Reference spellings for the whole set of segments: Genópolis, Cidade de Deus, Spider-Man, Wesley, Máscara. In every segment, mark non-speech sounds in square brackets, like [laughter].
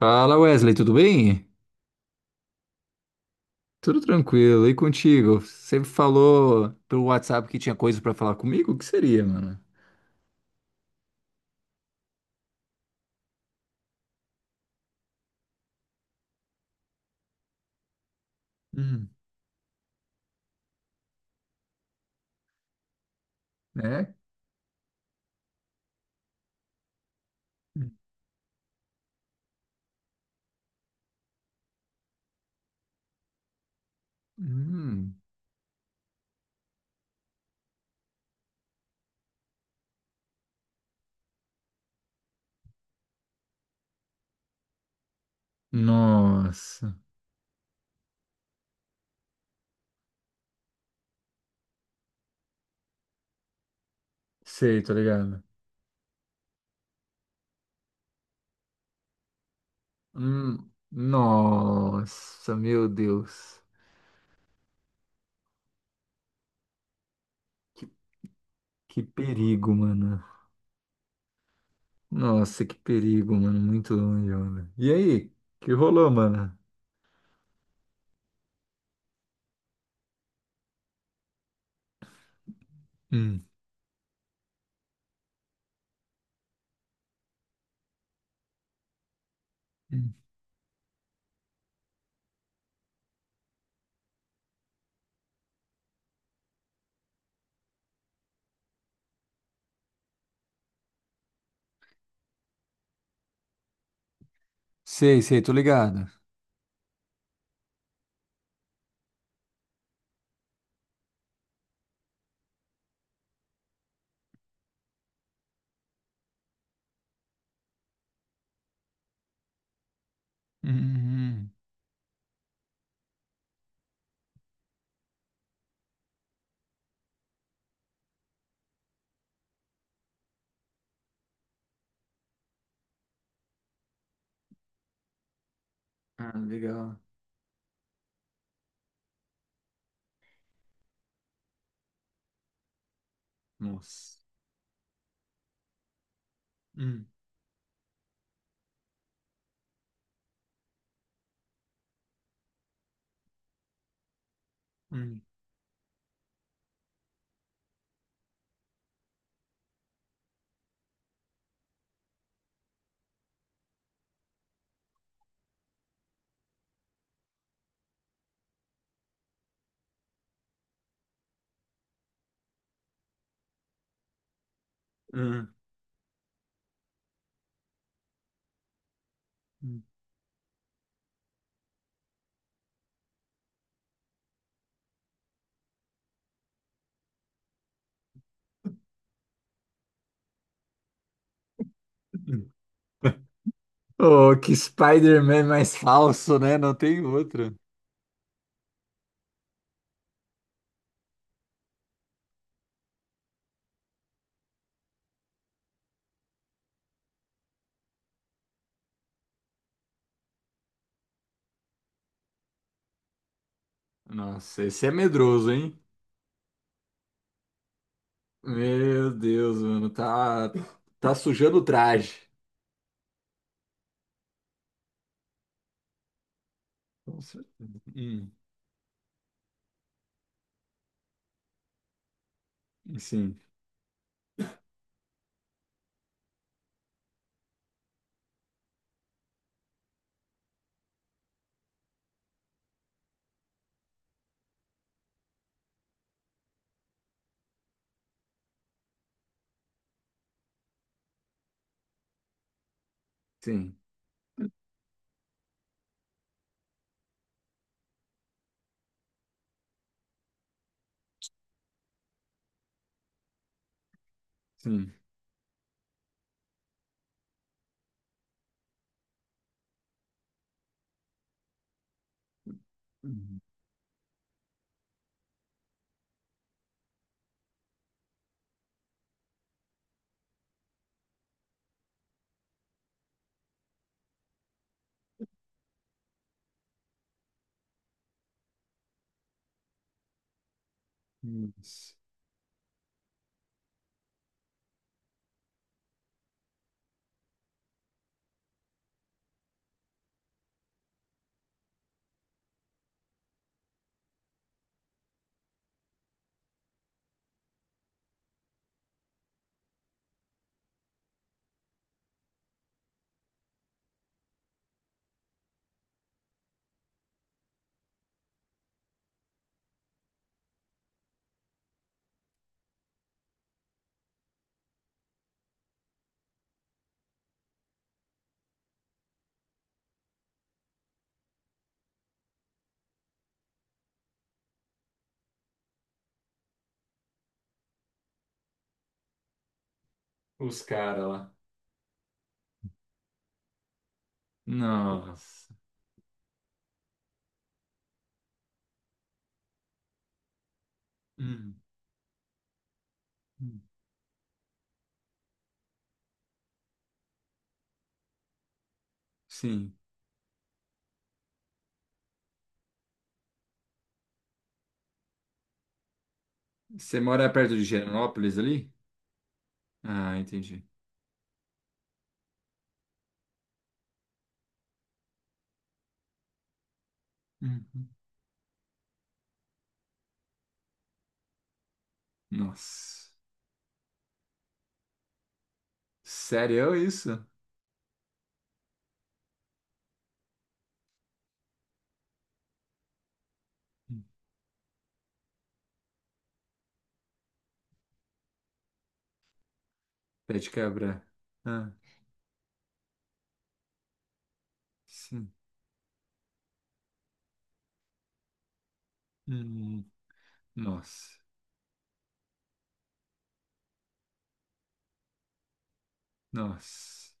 Fala, Wesley, tudo bem? Tudo tranquilo, e contigo? Você falou pelo WhatsApp que tinha coisa pra falar comigo? O que seria, mano? Hum, é? Hum, nossa, sei, tô ligado. Nossa, meu Deus, que, que perigo, mano. Nossa, que perigo, mano, muito longe, mano. E aí, que rolou, mano? Hum, hum. Sei, sei, tô ligado. Hum, hum. Ah, legal. Nossa. Hum. Hum, hum, [laughs] hum, hum. Oh, que Spider-Man mais falso, né? Não tem outro. Nossa, esse é medroso, hein? Meu Deus, mano, tá, tá sujando o traje. Com certeza. Sim, sim, sim. Hum, hum. Os caras lá. Nossa. Hum, hum, sim. Você mora perto de Genópolis ali? Ah, entendi. Uhum. Nossa. Sério é isso? Pé de cabra. Ah, sim. Hum, nossa. Nossa.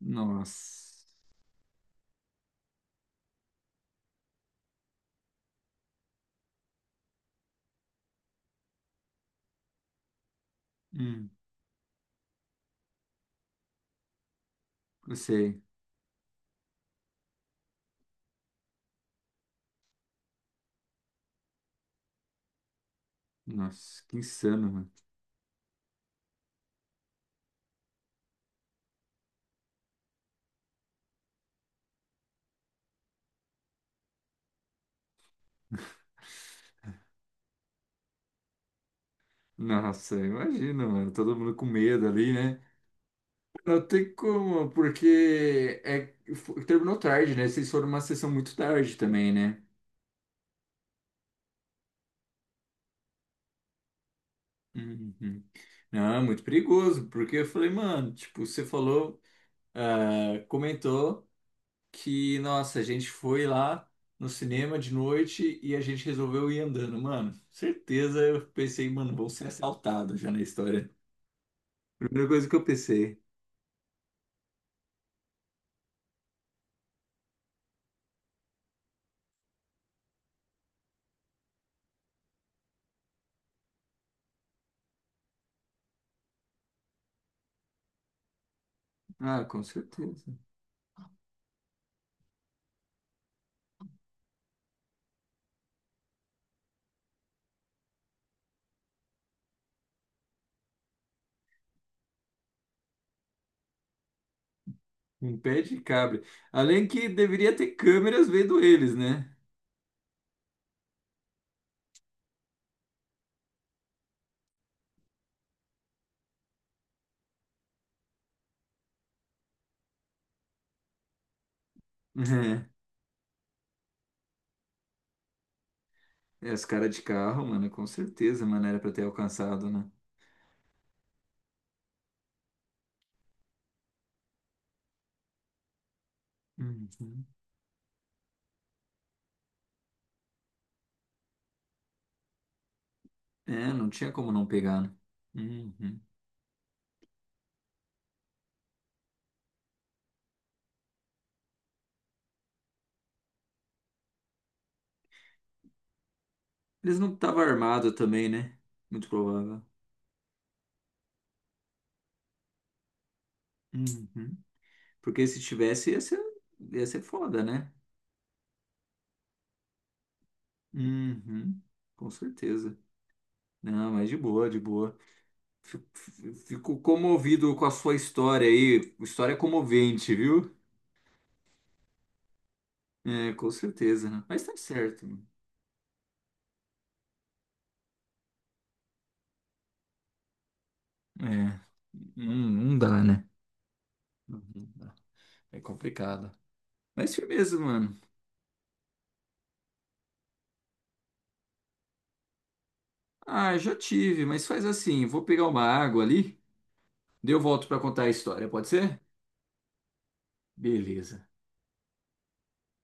Nossa. Hum, eu sei. Nossa, que insano, mano. Nossa, imagina, mano. Todo mundo com medo ali, né? Não tem como, porque é, terminou tarde, né? Vocês foram uma sessão muito tarde também, né? Uhum. Não, é muito perigoso, porque eu falei, mano, tipo, você falou, ah, comentou, que, nossa, a gente foi lá no cinema de noite e a gente resolveu ir andando. Mano, certeza eu pensei, mano, vão ser assaltados já na história. Primeira coisa que eu pensei. Ah, com certeza. Um pé de cabra. Além que deveria ter câmeras vendo eles, né? [laughs] É, é, os caras de carro, mano, com certeza, mano, era pra ter alcançado, né? Uhum. É, não tinha como não pegar, né? Uhum. Eles não estavam armados também, né? Muito provável. Uhum. Porque se tivesse, ia ser foda, né? Uhum, com certeza. Não, mas de boa, de boa. Fico, fico comovido com a sua história aí. História comovente, viu? É, com certeza, né? Mas tá certo, mano. É, não, não dá, né? Não dá. É complicado. Mas firmeza, mano. Ah, já tive, mas faz assim, vou pegar uma água ali, daí eu volto pra contar a história, pode ser? Beleza.